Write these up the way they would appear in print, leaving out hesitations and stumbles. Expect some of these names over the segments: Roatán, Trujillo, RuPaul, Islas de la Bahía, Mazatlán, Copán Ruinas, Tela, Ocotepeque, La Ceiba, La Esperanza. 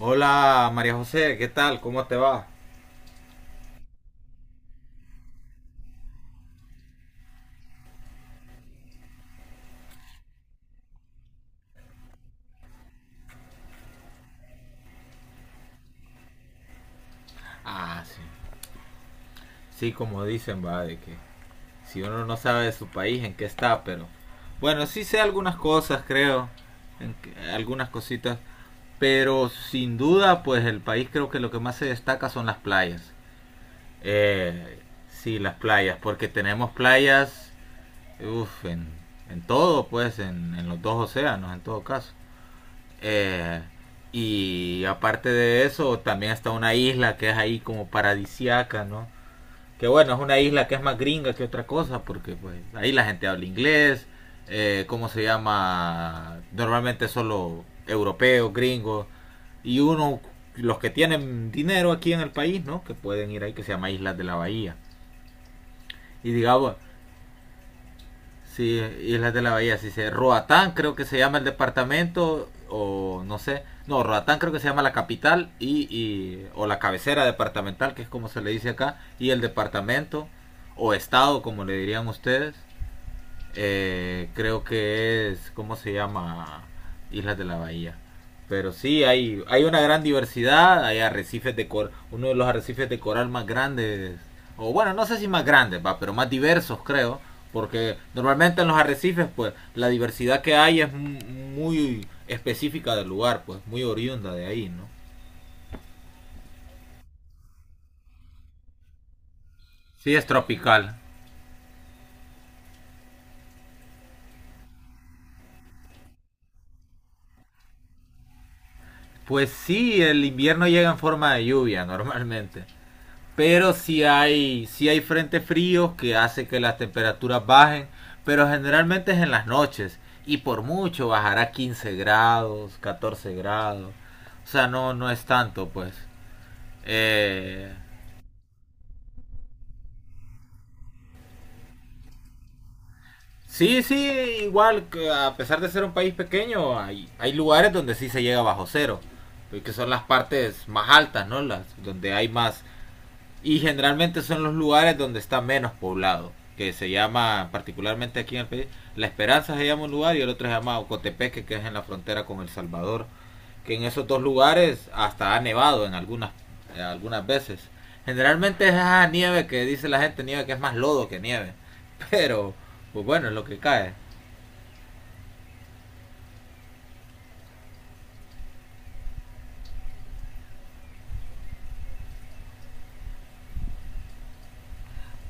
Hola María José, ¿qué tal? ¿Cómo te va? Ah, sí. Sí, como dicen, va, de que si uno no sabe de su país, en qué está, pero. Bueno, sí sé algunas cosas, creo, algunas cositas, pero sin duda, pues el país creo que lo que más se destaca son las playas. Eh, sí, las playas, porque tenemos playas, uf, en todo, pues, en los dos océanos, en todo caso. Eh, y aparte de eso, también está una isla que es ahí como paradisiaca, ¿no? Que bueno, es una isla que es más gringa que otra cosa, porque pues ahí la gente habla inglés. ¿Cómo se llama? Normalmente solo europeos, gringos, y uno, los que tienen dinero aquí en el país, ¿no? Que pueden ir ahí, que se llama Islas de la Bahía. Y digamos, sí, Islas de la Bahía, sí se, Roatán creo que se llama el departamento, o no sé, no, Roatán creo que se llama la capital y o la cabecera departamental, que es como se le dice acá, y el departamento o estado, como le dirían ustedes. Creo que es, ¿cómo se llama? Islas de la Bahía. Pero sí, hay una gran diversidad, hay arrecifes de coral, uno de los arrecifes de coral más grandes, o bueno, no sé si más grandes, va, pero más diversos creo, porque normalmente en los arrecifes, pues, la diversidad que hay es muy específica del lugar, pues, muy oriunda de ahí, ¿no? Sí, es tropical. Pues sí, el invierno llega en forma de lluvia normalmente. Pero sí hay frentes fríos que hace que las temperaturas bajen, pero generalmente es en las noches, y por mucho bajará 15 grados, 14 grados. O sea, no, no es tanto, pues. Eh, sí, sí, igual, que a pesar de ser un país pequeño, hay lugares donde sí se llega bajo cero, que son las partes más altas, ¿no? Las, donde hay más. Y generalmente son los lugares donde está menos poblado, que se llama, particularmente aquí en el país, La Esperanza se llama un lugar, y el otro se llama Ocotepeque, que es en la frontera con El Salvador, que en esos dos lugares hasta ha nevado en algunas veces. Generalmente es esa nieve que dice la gente, nieve que es más lodo que nieve, pero pues bueno, es lo que cae.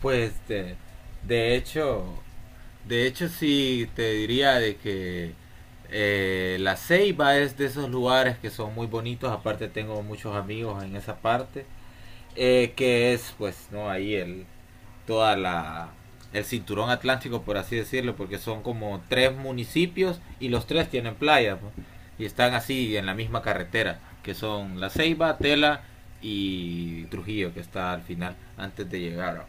Pues de, de hecho, De hecho, sí te diría de que la Ceiba es de esos lugares que son muy bonitos. Aparte tengo muchos amigos en esa parte. Que es, pues, no, ahí el, toda la, el cinturón atlántico, por así decirlo, porque son como tres municipios y los tres tienen playa, pues, y están así en la misma carretera, que son La Ceiba, Tela y Trujillo, que está al final, antes de llegar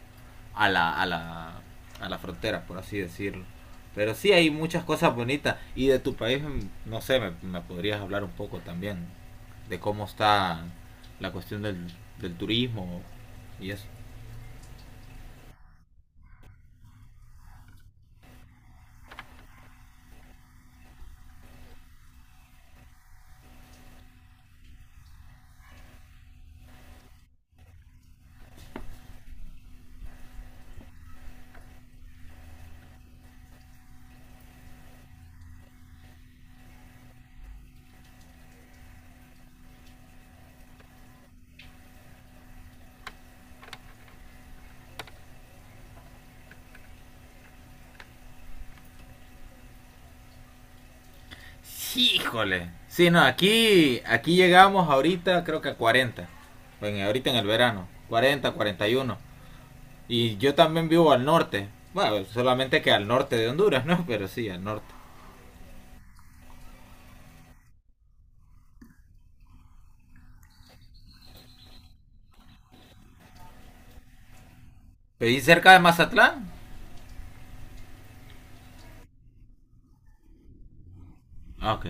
a la a la a la frontera, por así decirlo. Pero sí hay muchas cosas bonitas, y de tu país no sé, me podrías hablar un poco también de cómo está la cuestión del turismo y eso. Híjole. Sí, no, aquí llegamos ahorita, creo que a 40. Bueno, ahorita en el verano. Cuarenta, cuarenta y uno. Y yo también vivo al norte. Bueno, solamente que al norte de Honduras, ¿no? Pero sí, al norte. ¿Pedí cerca de Mazatlán? Ah, ok.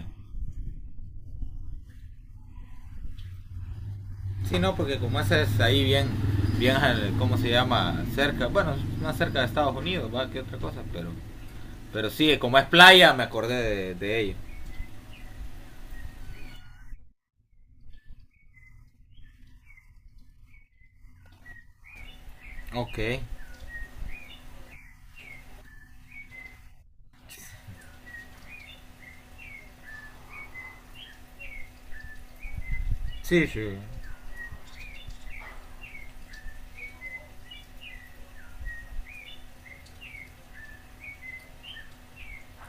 Sí, no, porque como esa es ahí bien, bien, ¿cómo se llama? Cerca, bueno, más cerca de Estados Unidos, va, que otra cosa, pero sí, como es playa, me acordé de ello. Ok. Sí, sí.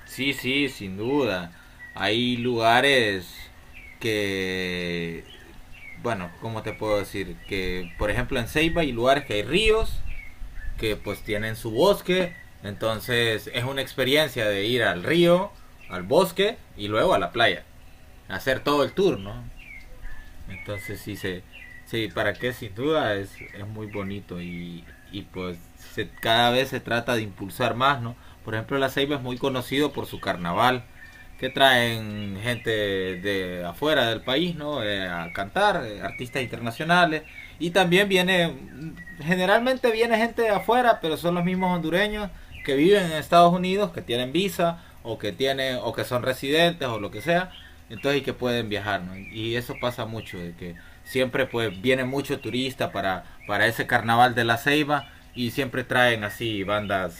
Sí, sí, sin duda. Hay lugares que, bueno, ¿cómo te puedo decir? Que, por ejemplo, en Ceiba hay lugares que hay ríos, que pues tienen su bosque, entonces es una experiencia de ir al río, al bosque y luego a la playa, hacer todo el tour, ¿no? Entonces sí, sí para qué, sin duda es muy bonito, y pues cada vez se trata de impulsar más, ¿no? Por ejemplo, La Ceiba es muy conocido por su carnaval, que traen gente de afuera del país, ¿no? A cantar, artistas internacionales. Y también generalmente viene gente de afuera, pero son los mismos hondureños que viven en Estados Unidos, que tienen visa, o que tienen, o que son residentes, o lo que sea, entonces, y que pueden viajar, ¿no? Y eso pasa mucho, de que siempre pues viene mucho turista para ese carnaval de la Ceiba, y siempre traen así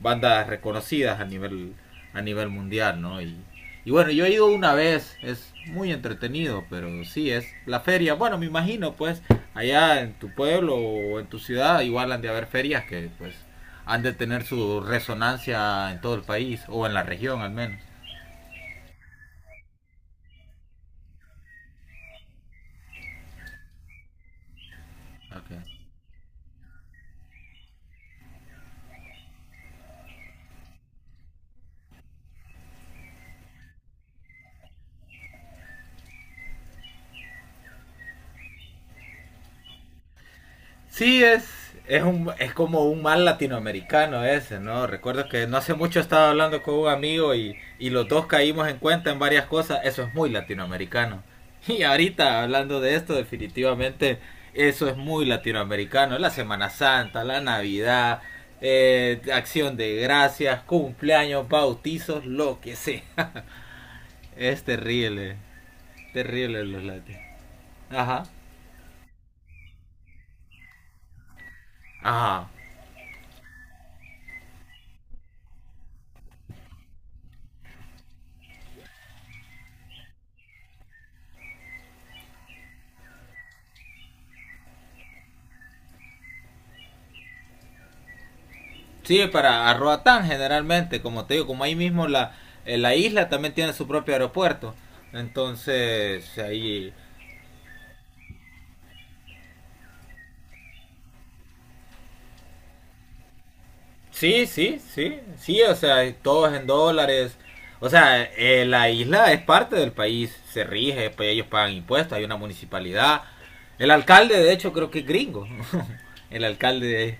bandas reconocidas a nivel mundial, ¿no? Y bueno, yo he ido una vez, es muy entretenido, pero sí, es la feria. Bueno, me imagino, pues, allá en tu pueblo o en tu ciudad, igual han de haber ferias que, pues, han de tener su resonancia en todo el país, o en la región al menos. Okay. Sí, es como un mal latinoamericano ese, ¿no? Recuerdo que no hace mucho estaba hablando con un amigo, y los dos caímos en cuenta en varias cosas. Eso es muy latinoamericano. Y ahorita hablando de esto, definitivamente eso es muy latinoamericano. La Semana Santa, la Navidad, acción de gracias, cumpleaños, bautizos, lo que sea. Es terrible, terrible los latinos. Ajá. Ajá. Sí, para a Roatán generalmente, como te digo, como ahí mismo la isla también tiene su propio aeropuerto. Entonces, ahí. Sí, sí, sí, sí, o sea, todo es en dólares. O sea, la isla es parte del país, se rige, pues ellos pagan impuestos, hay una municipalidad. El alcalde, de hecho, creo que es gringo. El alcalde,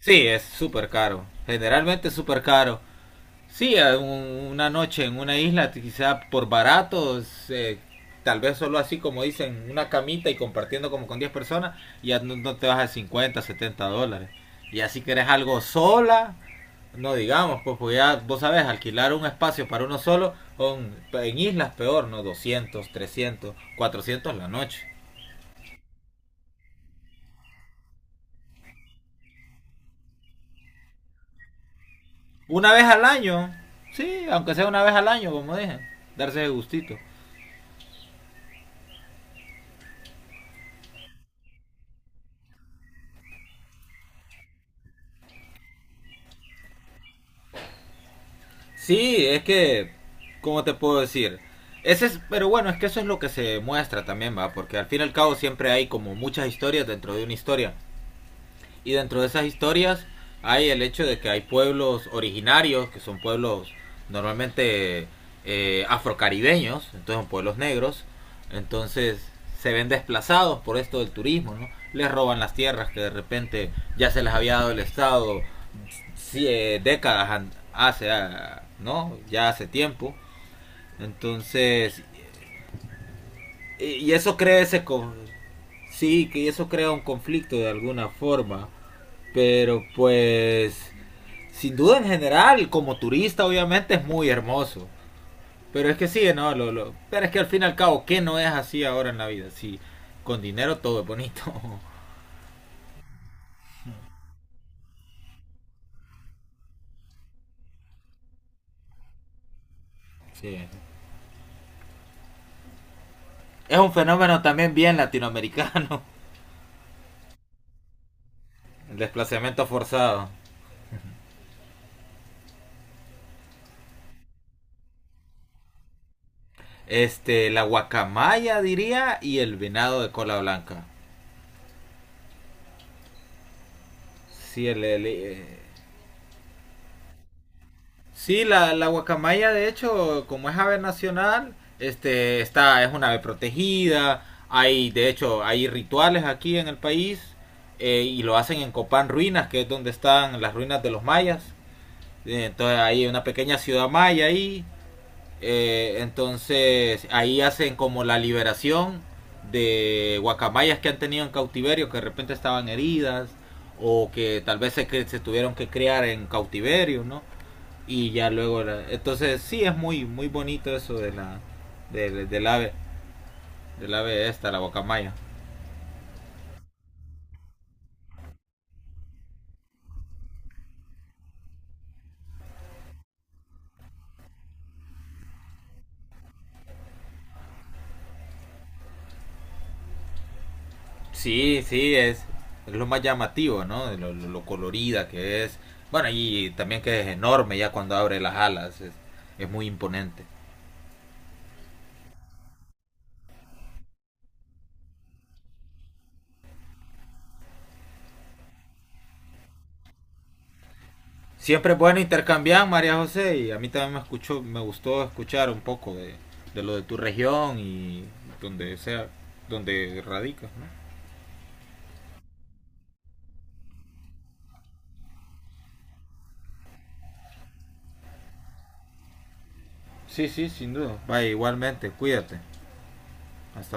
sí, es súper caro. Generalmente es súper caro. Sí, una noche en una isla, quizá por baratos, tal vez solo así como dicen, una camita y compartiendo como con 10 personas, ya no, no te vas a $50, $70. Y así que eres algo sola, no digamos, pues, ya vos sabés, alquilar un espacio para uno solo, en islas peor, ¿no? 200, 300, 400 la noche. Una vez al año, sí, aunque sea una vez al año, como dije, darse de gustito. Sí, es que, ¿cómo te puedo decir? Pero bueno, es que eso es lo que se muestra también, va, porque al fin y al cabo siempre hay como muchas historias dentro de una historia. Y dentro de esas historias hay el hecho de que hay pueblos originarios, que son pueblos normalmente afrocaribeños, entonces son pueblos negros, entonces se ven desplazados por esto del turismo, ¿no? Les roban las tierras que de repente ya se les había dado el Estado, sí, décadas hace, ¿no? Ya hace tiempo. Entonces, y eso crea sí, que eso crea un conflicto de alguna forma, pero pues sin duda en general como turista obviamente es muy hermoso, pero es que sí, no, pero es que al fin y al cabo qué no es así ahora en la vida, sí, con dinero todo es bonito. sí. Es un fenómeno también bien latinoamericano, el desplazamiento forzado. La guacamaya diría, y el venado de cola blanca. Sí, sí la guacamaya, de hecho, como es ave nacional, es una ave protegida. Hay, de hecho, hay rituales aquí en el país, y lo hacen en Copán Ruinas, que es donde están las ruinas de los mayas. Entonces hay una pequeña ciudad maya ahí. Entonces ahí hacen como la liberación de guacamayas que han tenido en cautiverio, que de repente estaban heridas, o que tal vez se tuvieron que criar en cautiverio, ¿no? Y ya luego, la, entonces sí es muy muy bonito eso de la, del, del ave, del ave, esta, la guacamaya. Sí, sí es lo más llamativo, ¿no? Lo colorida que es. Bueno, y también que es enorme ya cuando abre las alas, es muy imponente. Siempre es bueno intercambiar, María José, y a mí también me gustó escuchar un poco de lo de tu región, y donde sea, donde radicas, ¿no? Sí, sí, sin duda. Vaya, igualmente, cuídate. Hasta